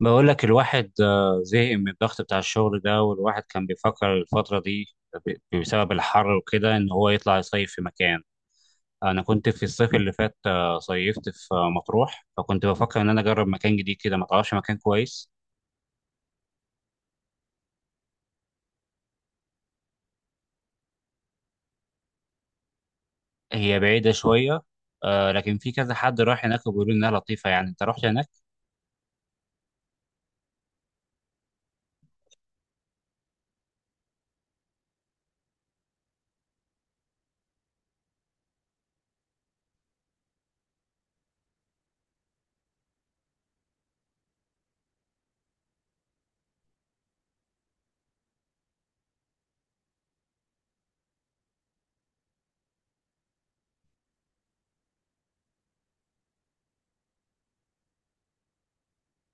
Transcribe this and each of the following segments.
بقول لك الواحد زهق من الضغط بتاع الشغل ده. والواحد كان بيفكر الفترة دي بسبب الحر وكده إن هو يطلع يصيف في مكان. أنا كنت في الصيف اللي فات، صيفت في مطروح، فكنت بفكر إن أنا أجرب مكان جديد كده، ما تعرفش مكان كويس؟ هي بعيدة شوية، لكن في كذا حد راح هناك وبيقولوا إنها لطيفة. يعني أنت رحت هناك؟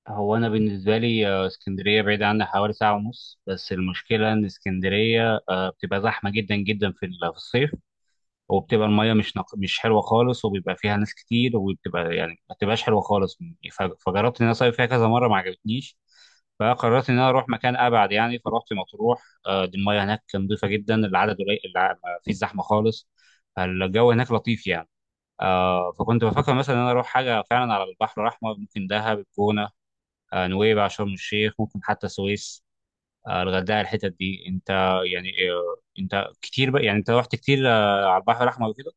هو أنا بالنسبة لي اسكندرية بعيدة عني حوالي ساعة ونص، بس المشكلة إن اسكندرية بتبقى زحمة جدا جدا في الصيف، وبتبقى المية مش حلوة خالص، وبيبقى فيها ناس كتير، وبتبقى يعني ما بتبقاش حلوة خالص. فجربت إن أنا أصيف فيها كذا مرة، ما عجبتنيش. فقررت إن أنا أروح مكان أبعد، يعني فرحت مطروح. دي المية هناك نضيفة جدا، العدد قليل، ما فيش زحمة خالص، فالجو هناك لطيف يعني. فكنت بفكر مثلا إن أنا أروح حاجة فعلا على البحر الأحمر، ممكن دهب، الجونة، نويبع، شرم الشيخ، ممكن حتى السويس، الغردقة، الحتت دي. أنت يعني، أنت كتير بقى، يعني أنت رحت كتير على البحر الأحمر وكده؟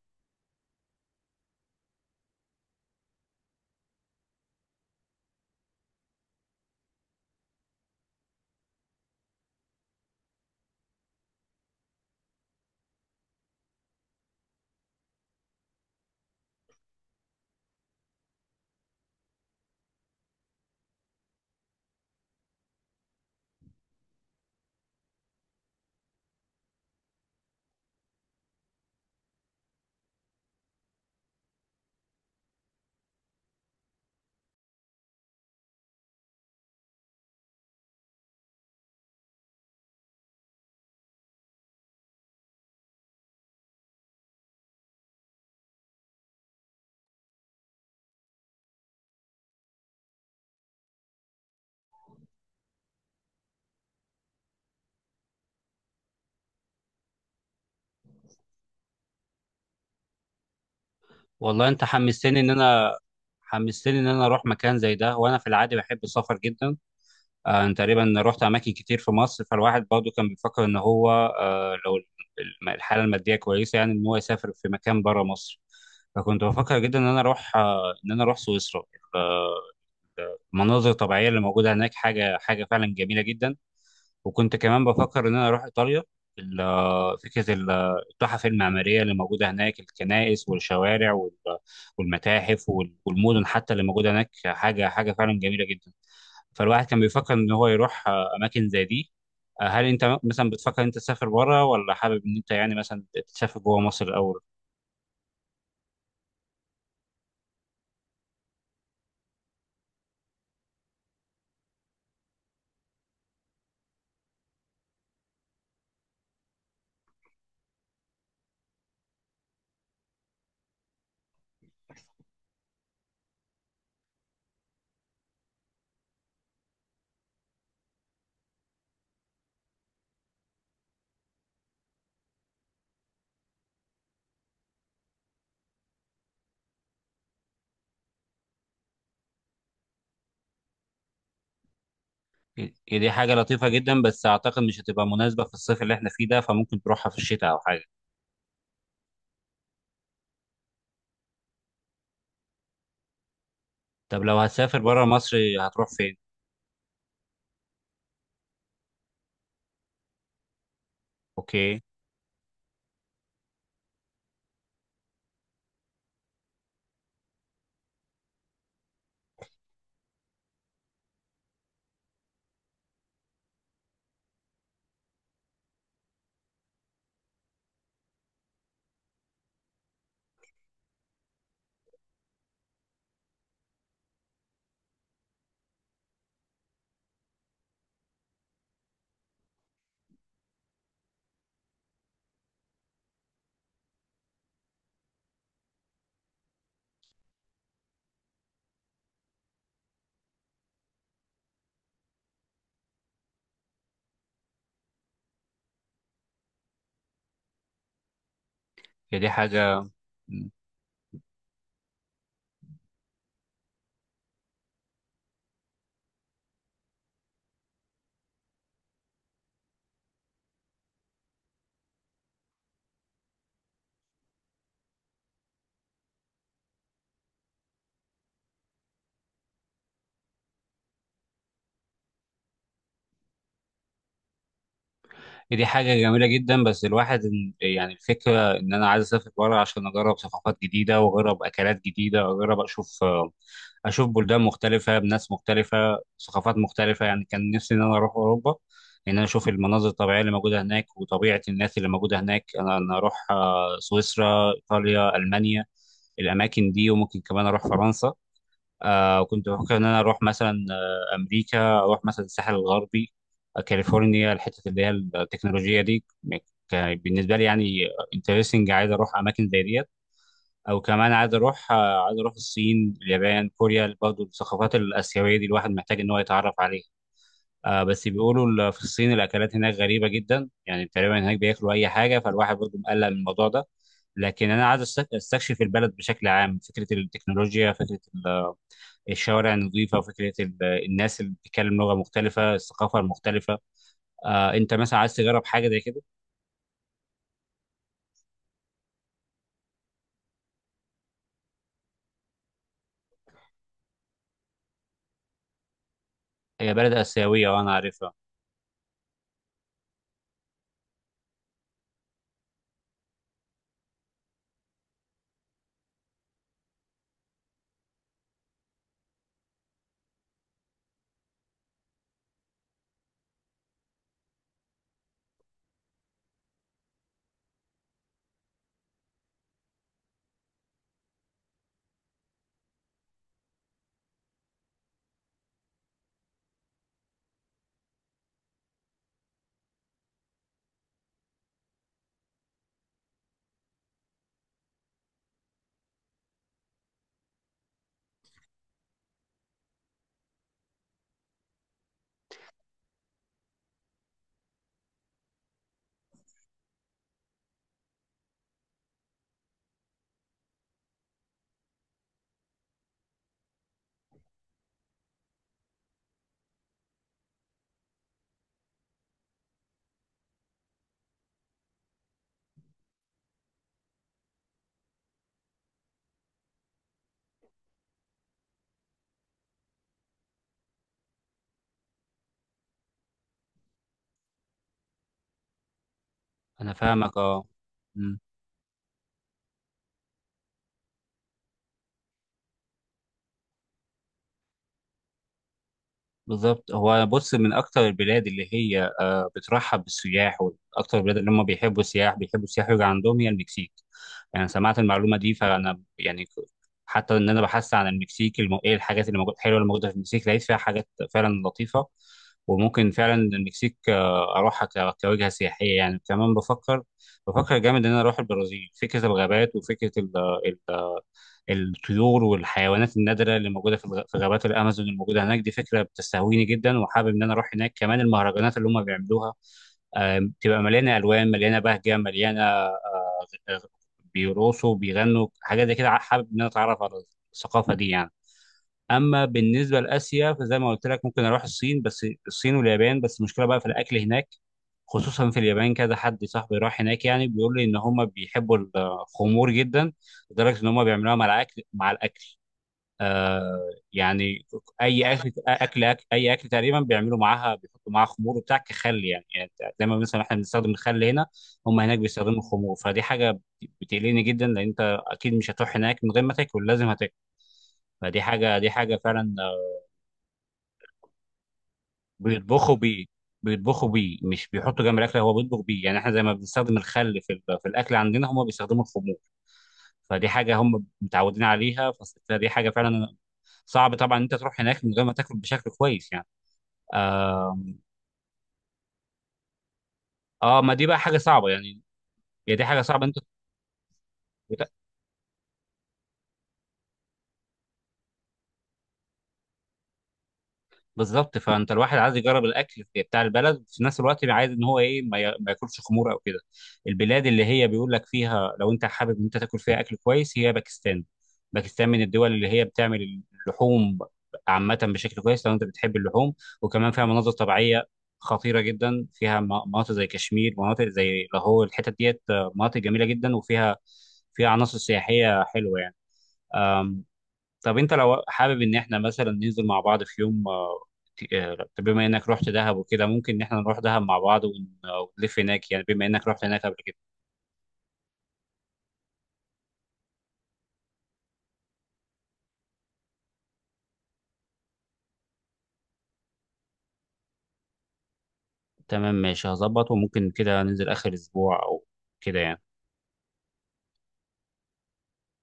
والله انت حمستني ان انا، حمستني ان انا اروح مكان زي ده، وانا في العادي بحب السفر جدا. آه، انا تقريبا رحت اماكن كتير في مصر، فالواحد برضه كان بيفكر ان هو آه، لو الحاله الماديه كويسه، يعني ان هو يسافر في مكان بره مصر. فكنت بفكر جدا ان انا اروح آه، ان انا اروح سويسرا، المناظر الطبيعيه اللي موجوده هناك حاجه، حاجه فعلا جميله جدا. وكنت كمان بفكر ان انا اروح ايطاليا، ال- فكره ال- التحف المعماريه اللي موجوده هناك، الكنائس والشوارع والمتاحف والمدن حتى اللي موجوده هناك حاجه، حاجه فعلا جميله جدا. فالواحد كان بيفكر ان هو يروح اماكن زي دي. هل انت مثلا بتفكر انت تسافر بره، ولا حابب ان انت يعني مثلا تسافر جوه مصر الاول؟ هي دي حاجه لطيفه جدا، بس اعتقد مش هتبقى مناسبه في الصيف اللي احنا فيه ده، فممكن تروحها في الشتاء او حاجه. طب لو هتسافر بره مصر هتروح فين؟ اوكي. هي دي حاجة. مم. دي حاجة جميلة جدا، بس الواحد يعني الفكرة إن أنا عايز أسافر بره، عشان أجرب ثقافات جديدة، وأجرب أكلات جديدة، وأجرب أشوف أشوف بلدان مختلفة بناس مختلفة، ثقافات مختلفة. يعني كان نفسي إن أنا أروح أوروبا، إن أنا أشوف المناظر الطبيعية اللي موجودة هناك وطبيعة الناس اللي موجودة هناك. أنا أروح سويسرا، إيطاليا، ألمانيا، الأماكن دي، وممكن كمان أروح فرنسا. آه، كنت بفكر إن أنا أروح مثلا آه، أمريكا، أروح مثلا الساحل الغربي، آه، كاليفورنيا، الحتة اللي هي التكنولوجيا دي، كان بالنسبة لي يعني انترستنج، عايز أروح أماكن زي ديت. أو كمان عايز أروح آه، عايز أروح الصين، اليابان، كوريا، برضه الثقافات الآسيوية دي الواحد محتاج إن هو يتعرف عليها. آه، بس بيقولوا في الصين الأكلات هناك غريبة جدا، يعني تقريبا هناك بياكلوا أي حاجة، فالواحد برضه مقلق من الموضوع ده. لكن أنا عايز أستكشف البلد بشكل عام، فكرة التكنولوجيا، فكرة الشوارع النظيفه، فكره الناس اللي بتتكلم لغه مختلفه، الثقافه المختلفه. آه، انت مثلا عايز تجرب حاجه زي كده؟ هي بلد اسيويه وانا عارفها. انا فاهمك، اه. بالظبط. هو بص، من اكتر البلاد اللي هي بترحب بالسياح، واكتر البلاد اللي هم بيحبوا السياح، بيحبوا السياح يجي عندهم، هي المكسيك. يعني سمعت المعلومه دي، فانا يعني حتى ان انا بحثت عن المكسيك ايه الحاجات اللي موجوده الحلوه اللي موجوده في المكسيك، لقيت فيها حاجات فعلا لطيفه. وممكن فعلا المكسيك اروحها كوجهه سياحيه يعني. كمان بفكر، جامد ان انا اروح البرازيل، فكره الغابات وفكره الطيور والحيوانات النادرة اللي موجودة في غابات الأمازون الموجودة هناك، دي فكرة بتستهويني جدا وحابب إن أنا أروح هناك. كمان المهرجانات اللي هم بيعملوها، بتبقى مليانة ألوان، مليانة بهجة، مليانة آه، بيرقصوا، بيغنوا حاجات زي كده، حابب إن أنا أتعرف على الثقافة دي يعني. أما بالنسبة لآسيا، فزي ما قلت لك ممكن أروح الصين، بس الصين واليابان بس المشكلة بقى في الأكل هناك، خصوصا في اليابان. كذا حد صاحبي راح هناك يعني بيقول لي ان هم بيحبوا الخمور جدا، لدرجه ان هم بيعملوها مع الاكل، آه يعني. اي اكل تقريبا بيعملوا معاها، بيحطوا معاها خمور وبتاع، كخل يعني، يعني زي ما مثلا احنا بنستخدم الخل هنا، هم هناك بيستخدموا الخمور. فدي حاجه بتقلقني جدا، لان انت اكيد مش هتروح هناك من غير ما تاكل، لازم هتاكل. فدي حاجه، دي حاجه فعلا بيطبخوا بيه، مش بيحطوا جنب الاكل، هو بيطبخ بيه. يعني احنا زي ما بنستخدم الخل في الاكل عندنا، هم بيستخدموا الخمور، فدي حاجه هم متعودين عليها، فدي حاجه فعلا صعب طبعا ان انت تروح هناك من غير ما تاكل بشكل كويس يعني. اه، ما دي بقى حاجه صعبه يعني. هي دي حاجه صعبه. انت بت- بالظبط. فانت الواحد عايز يجرب الاكل بتاع البلد، في نفس الوقت عايز ان هو ايه ما ياكلش خمور او كده. البلاد اللي هي بيقول لك فيها لو انت حابب ان انت تاكل فيها اكل كويس، هي باكستان. باكستان من الدول اللي هي بتعمل اللحوم عامه بشكل كويس، لو انت بتحب اللحوم. وكمان فيها مناظر طبيعيه خطيره جدا، فيها مناطق زي كشمير، مناطق زي لاهور، الحتت ديت مناطق جميله جدا، وفيها، فيها عناصر سياحيه حلوه يعني. طب انت لو حابب ان احنا مثلا ننزل مع بعض في يوم، طب بما انك رحت دهب وكده ممكن ان احنا نروح دهب مع بعض ونلف هناك، يعني بما انك رحت هناك قبل كده. تمام، ماشي، هظبط. وممكن كده ننزل اخر اسبوع او كده يعني.